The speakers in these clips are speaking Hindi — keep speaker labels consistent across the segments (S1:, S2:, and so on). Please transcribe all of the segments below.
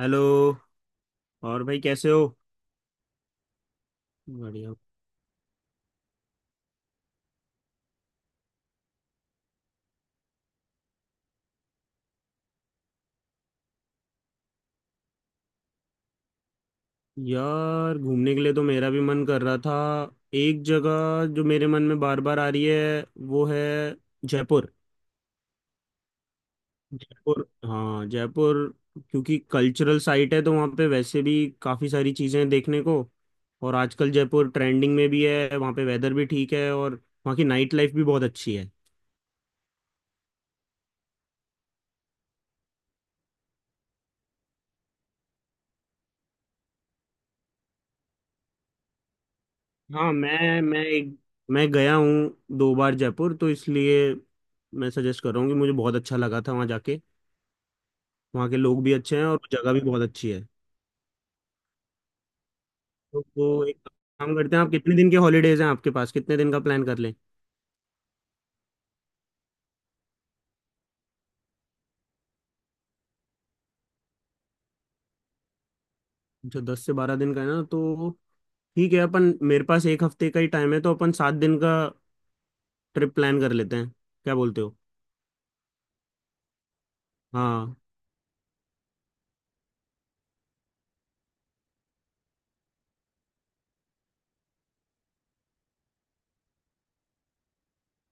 S1: हेलो। और भाई कैसे हो? बढ़िया यार, घूमने के लिए तो मेरा भी मन कर रहा था। एक जगह जो मेरे मन में बार बार आ रही है, वो है जयपुर। जयपुर, हाँ जयपुर। क्योंकि कल्चरल साइट है तो वहाँ पे वैसे भी काफ़ी सारी चीज़ें हैं देखने को। और आजकल जयपुर ट्रेंडिंग में भी है, वहाँ पे वेदर भी ठीक है और वहाँ की नाइट लाइफ भी बहुत अच्छी है। हाँ, मैं एक मैं गया हूँ दो बार जयपुर, तो इसलिए मैं सजेस्ट कर रहा हूँ कि मुझे बहुत अच्छा लगा था वहाँ जाके। वहाँ के लोग भी अच्छे हैं और जगह भी बहुत अच्छी है। तो वो एक काम करते हैं, आप कितने दिन के हॉलीडेज हैं आपके पास, कितने दिन का प्लान कर लें? जो 10 से 12 दिन का है ना, तो ठीक है अपन, मेरे पास एक हफ्ते का ही टाइम है तो अपन 7 दिन का ट्रिप प्लान कर लेते हैं। क्या बोलते हो? हाँ।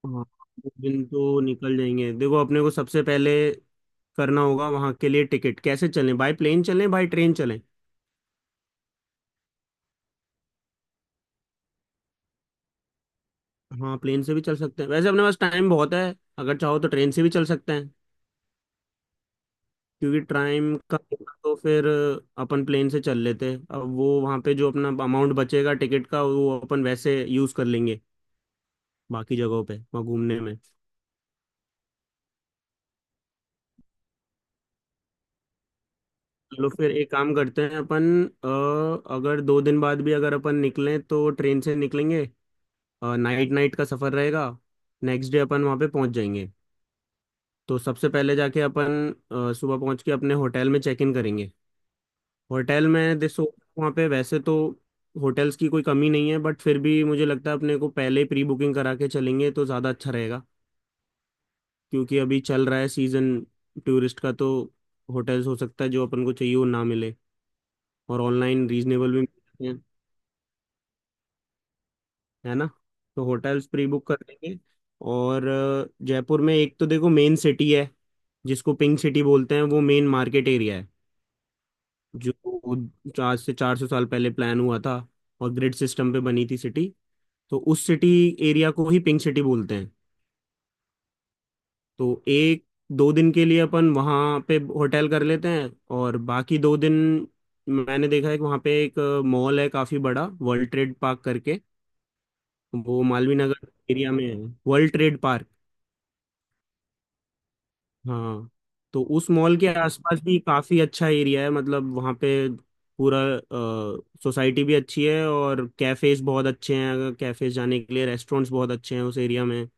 S1: हाँ, दो दिन तो निकल जाएंगे। देखो अपने को सबसे पहले करना होगा वहाँ के लिए टिकट, कैसे चलें, बाय प्लेन चलें बाय ट्रेन चलें। हाँ, प्लेन से भी चल सकते हैं, वैसे अपने पास टाइम बहुत है। अगर चाहो तो ट्रेन से भी चल सकते हैं, क्योंकि टाइम का होगा तो फिर अपन प्लेन से चल लेते। अब वो वहाँ पे जो अपना अमाउंट बचेगा टिकट का वो अपन वैसे यूज़ कर लेंगे बाकी जगहों पे वहाँ घूमने में। चलो फिर एक काम करते हैं अपन। अ, अगर दो दिन बाद भी अगर अपन निकलें तो ट्रेन से निकलेंगे। नाइट नाइट का सफ़र रहेगा, नेक्स्ट डे अपन वहाँ पे पहुँच जाएंगे। तो सबसे पहले जाके अपन सुबह पहुँच के अपने होटल में चेक इन करेंगे। होटल में देखो, वहाँ पे वैसे तो होटल्स की कोई कमी नहीं है, बट फिर भी मुझे लगता है अपने को पहले प्री बुकिंग करा के चलेंगे तो ज़्यादा अच्छा रहेगा। क्योंकि अभी चल रहा है सीज़न टूरिस्ट का, तो होटल्स हो सकता है जो अपन को चाहिए वो ना मिले। और ऑनलाइन रीजनेबल भी मिल जाते हैं, है ना? तो होटल्स प्री बुक कर लेंगे। और जयपुर में एक तो देखो मेन सिटी है, जिसको पिंक सिटी बोलते हैं, वो मेन मार्केट एरिया है जो आज से 400 साल पहले प्लान हुआ था और ग्रिड सिस्टम पे बनी थी सिटी। तो उस सिटी एरिया को ही पिंक सिटी बोलते हैं। तो एक दो दिन के लिए अपन वहाँ पे होटल कर लेते हैं, और बाकी दो दिन मैंने देखा है कि वहाँ पे एक मॉल है काफ़ी बड़ा, वर्ल्ड ट्रेड पार्क करके। वो मालवीय नगर एरिया में है, वर्ल्ड ट्रेड पार्क। हाँ। तो उस मॉल के आसपास भी काफी अच्छा एरिया है, मतलब वहाँ पे पूरा सोसाइटी भी अच्छी है और कैफेज बहुत अच्छे हैं, अगर कैफेज जाने के लिए, रेस्टोरेंट्स बहुत अच्छे हैं उस एरिया में।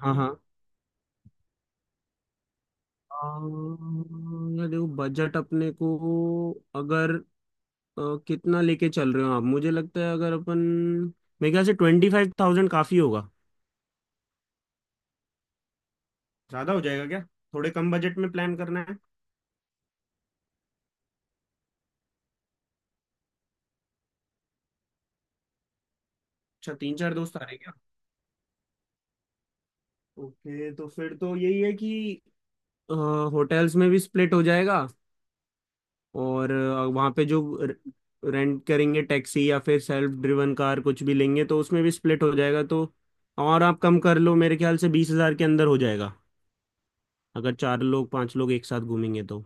S1: हाँ हाँ। अ, यार देखो बजट अपने को, अगर अ, कितना लेके चल रहे हो आप, मुझे लगता है अगर अपन, मेरे ख्याल से 25,000 काफी होगा। ज्यादा हो जाएगा क्या? थोड़े कम बजट में प्लान करना है? अच्छा, तीन चार दोस्त आ रहे हैं क्या? ओके, तो फिर तो यही है कि होटल्स में भी स्प्लिट हो जाएगा, और वहाँ पे जो रेंट करेंगे टैक्सी या फिर सेल्फ ड्रिवन कार कुछ भी लेंगे तो उसमें भी स्प्लिट हो जाएगा, तो। और आप कम कर लो, मेरे ख्याल से 20,000 के अंदर हो जाएगा अगर चार लोग पांच लोग एक साथ घूमेंगे तो।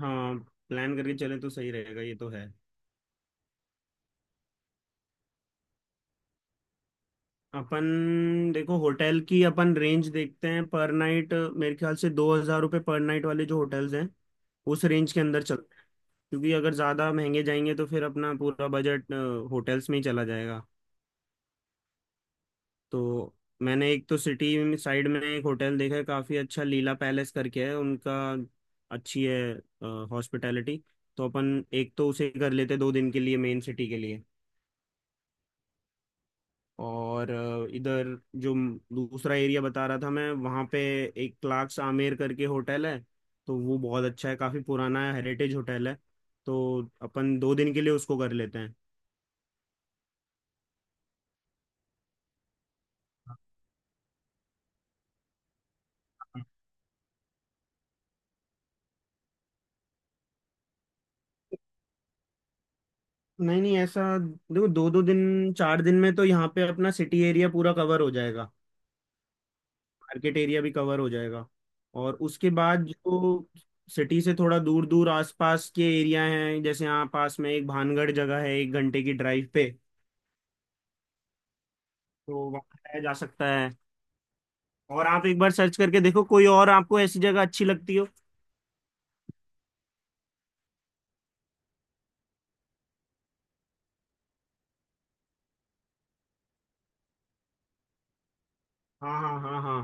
S1: हाँ, प्लान करके चले तो सही रहेगा, ये तो है। अपन देखो होटल की अपन रेंज देखते हैं पर नाइट, मेरे ख्याल से 2,000 रुपये पर नाइट वाले जो होटल्स हैं, उस रेंज के अंदर चल। क्योंकि अगर ज़्यादा महंगे जाएंगे तो फिर अपना पूरा बजट होटल्स में ही चला जाएगा। तो मैंने एक तो सिटी साइड में एक होटल देखा है काफ़ी अच्छा, लीला पैलेस करके है उनका। अच्छी है हॉस्पिटैलिटी। तो अपन एक तो उसे कर लेते हैं दो दिन के लिए मेन सिटी के लिए। और इधर जो दूसरा एरिया बता रहा था मैं, वहाँ पे एक क्लार्क्स आमेर करके होटल है। तो वो बहुत अच्छा है, काफ़ी पुराना है, हेरिटेज होटल है। तो अपन दो दिन के लिए उसको कर लेते हैं। नहीं नहीं, ऐसा देखो दो दो दिन, चार दिन में तो यहाँ पे अपना सिटी एरिया पूरा कवर हो जाएगा। मार्केट एरिया भी कवर हो जाएगा। और उसके बाद जो सिटी से थोड़ा दूर दूर आसपास के एरिया हैं, जैसे यहाँ पास में एक भानगढ़ जगह है, एक घंटे की ड्राइव पे। तो वहाँ जाया जा सकता है। और आप एक बार सर्च करके देखो कोई और आपको ऐसी जगह अच्छी लगती हो। हाँ हाँ हाँ।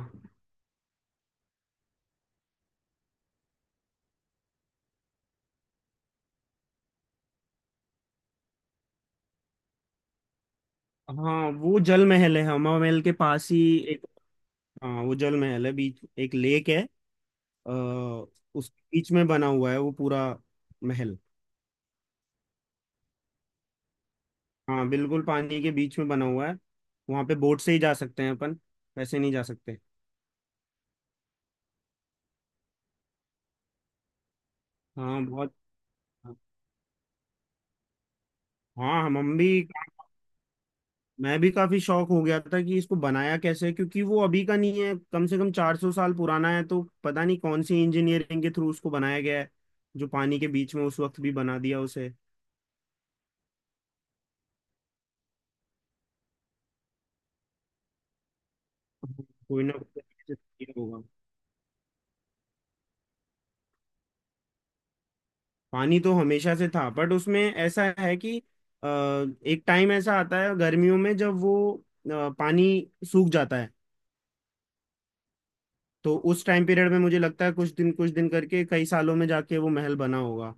S1: हाँ हाँ, वो जल महल है, हमा महल के पास ही। एक, हाँ वो जल महल है, बीच एक लेक है। अ, उस बीच में बना हुआ है वो पूरा महल। हाँ बिल्कुल पानी के बीच में बना हुआ है। वहाँ पे बोट से ही जा सकते हैं अपन, वैसे नहीं जा सकते। हाँ बहुत। हाँ, हम भी, मैं भी काफी शौक हो गया था कि इसको बनाया कैसे, क्योंकि वो अभी का नहीं है, कम से कम 400 साल पुराना है, तो पता नहीं कौन सी इंजीनियरिंग के थ्रू उसको बनाया गया है, जो पानी के बीच में उस वक्त भी बना दिया उसे। कोई ना कोई होगा। पानी तो हमेशा से था, बट उसमें ऐसा है कि एक टाइम ऐसा आता है गर्मियों में जब वो पानी सूख जाता है। तो उस टाइम पीरियड में मुझे लगता है कुछ दिन करके कई सालों में जाके वो महल बना होगा।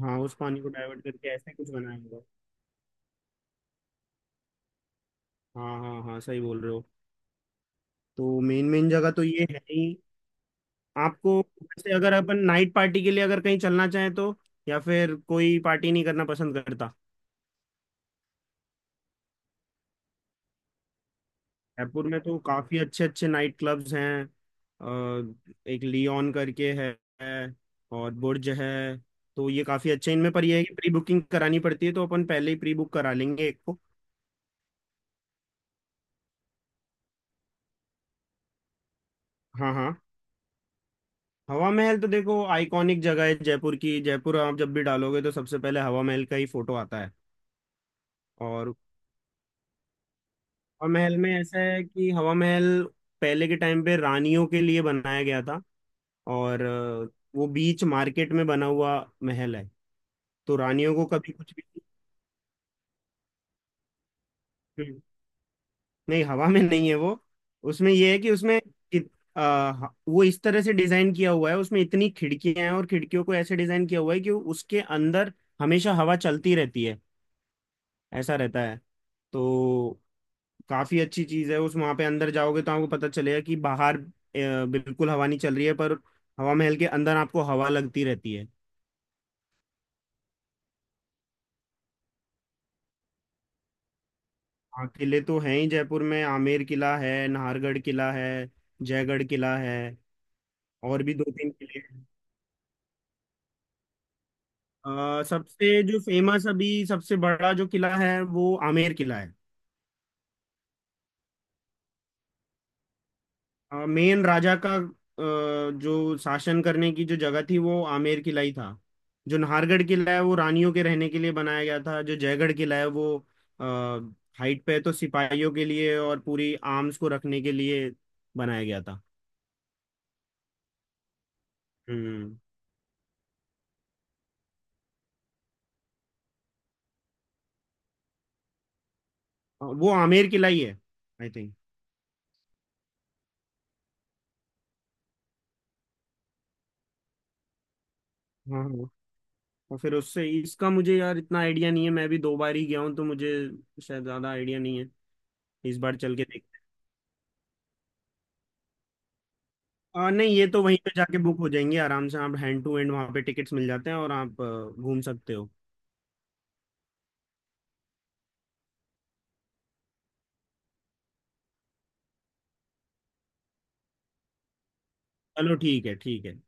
S1: हाँ, उस पानी को डाइवर्ट करके ऐसे कुछ बनाया होगा। हाँ हाँ हाँ, सही बोल रहे हो। तो मेन मेन जगह तो ये है ही। आपको वैसे अगर अपन नाइट पार्टी के लिए अगर कहीं चलना चाहें तो, या फिर कोई पार्टी नहीं करना पसंद करता? जयपुर में तो काफी अच्छे अच्छे नाइट क्लब्स हैं। एक लियोन करके है, है, और बुर्ज है। तो ये काफी अच्छे हैं। इनमें पर ये है कि प्री बुकिंग करानी पड़ती है, तो अपन पहले ही प्री बुक करा लेंगे एक को। हाँ हाँ। हवा महल तो देखो आइकॉनिक जगह है जयपुर की, जयपुर आप जब भी डालोगे तो सबसे पहले हवा महल का ही फोटो आता है। और हवा महल में ऐसा है कि हवा महल पहले के टाइम पे रानियों के लिए बनाया गया था। और वो बीच मार्केट में बना हुआ महल है। तो रानियों को कभी कुछ भी, हम्म, नहीं, हवा में नहीं है वो। उसमें ये है कि उसमें इत, आ, वो इस तरह से डिजाइन किया हुआ है, उसमें इतनी खिड़कियां हैं और खिड़कियों को ऐसे डिजाइन किया हुआ है कि उसके अंदर हमेशा हवा चलती रहती है, ऐसा रहता है। तो काफी अच्छी चीज है, उस वहां पे अंदर जाओगे तो आपको पता चलेगा कि बाहर बिल्कुल हवा नहीं चल रही है, पर हवा महल के अंदर आपको हवा लगती रहती है। हाँ किले तो हैं ही जयपुर में, आमेर किला है, नाहरगढ़ किला है, जयगढ़ किला है, और भी दो तीन किले। सबसे जो फेमस अभी सबसे बड़ा जो किला है वो आमेर किला है। मेन राजा का जो शासन करने की जो जगह थी वो आमेर किला ही था। जो नाहरगढ़ किला है वो रानियों के रहने के लिए बनाया गया था, जो जयगढ़ किला है वो हाइट पे है, तो सिपाहियों के लिए और पूरी आर्म्स को रखने के लिए बनाया गया था। हम्म। वो आमेर किला ही है, आई थिंक। हाँ हाँ। और फिर उससे इसका मुझे यार इतना आइडिया नहीं है, मैं भी दो बार ही गया हूँ तो मुझे शायद ज्यादा आइडिया नहीं है। इस बार चल के देखते हैं। नहीं, ये तो वहीं पे जाके बुक हो जाएंगे आराम से, आप हैंड टू हैंड वहां पे टिकट्स मिल जाते हैं और आप घूम सकते हो। चलो ठीक है ठीक है।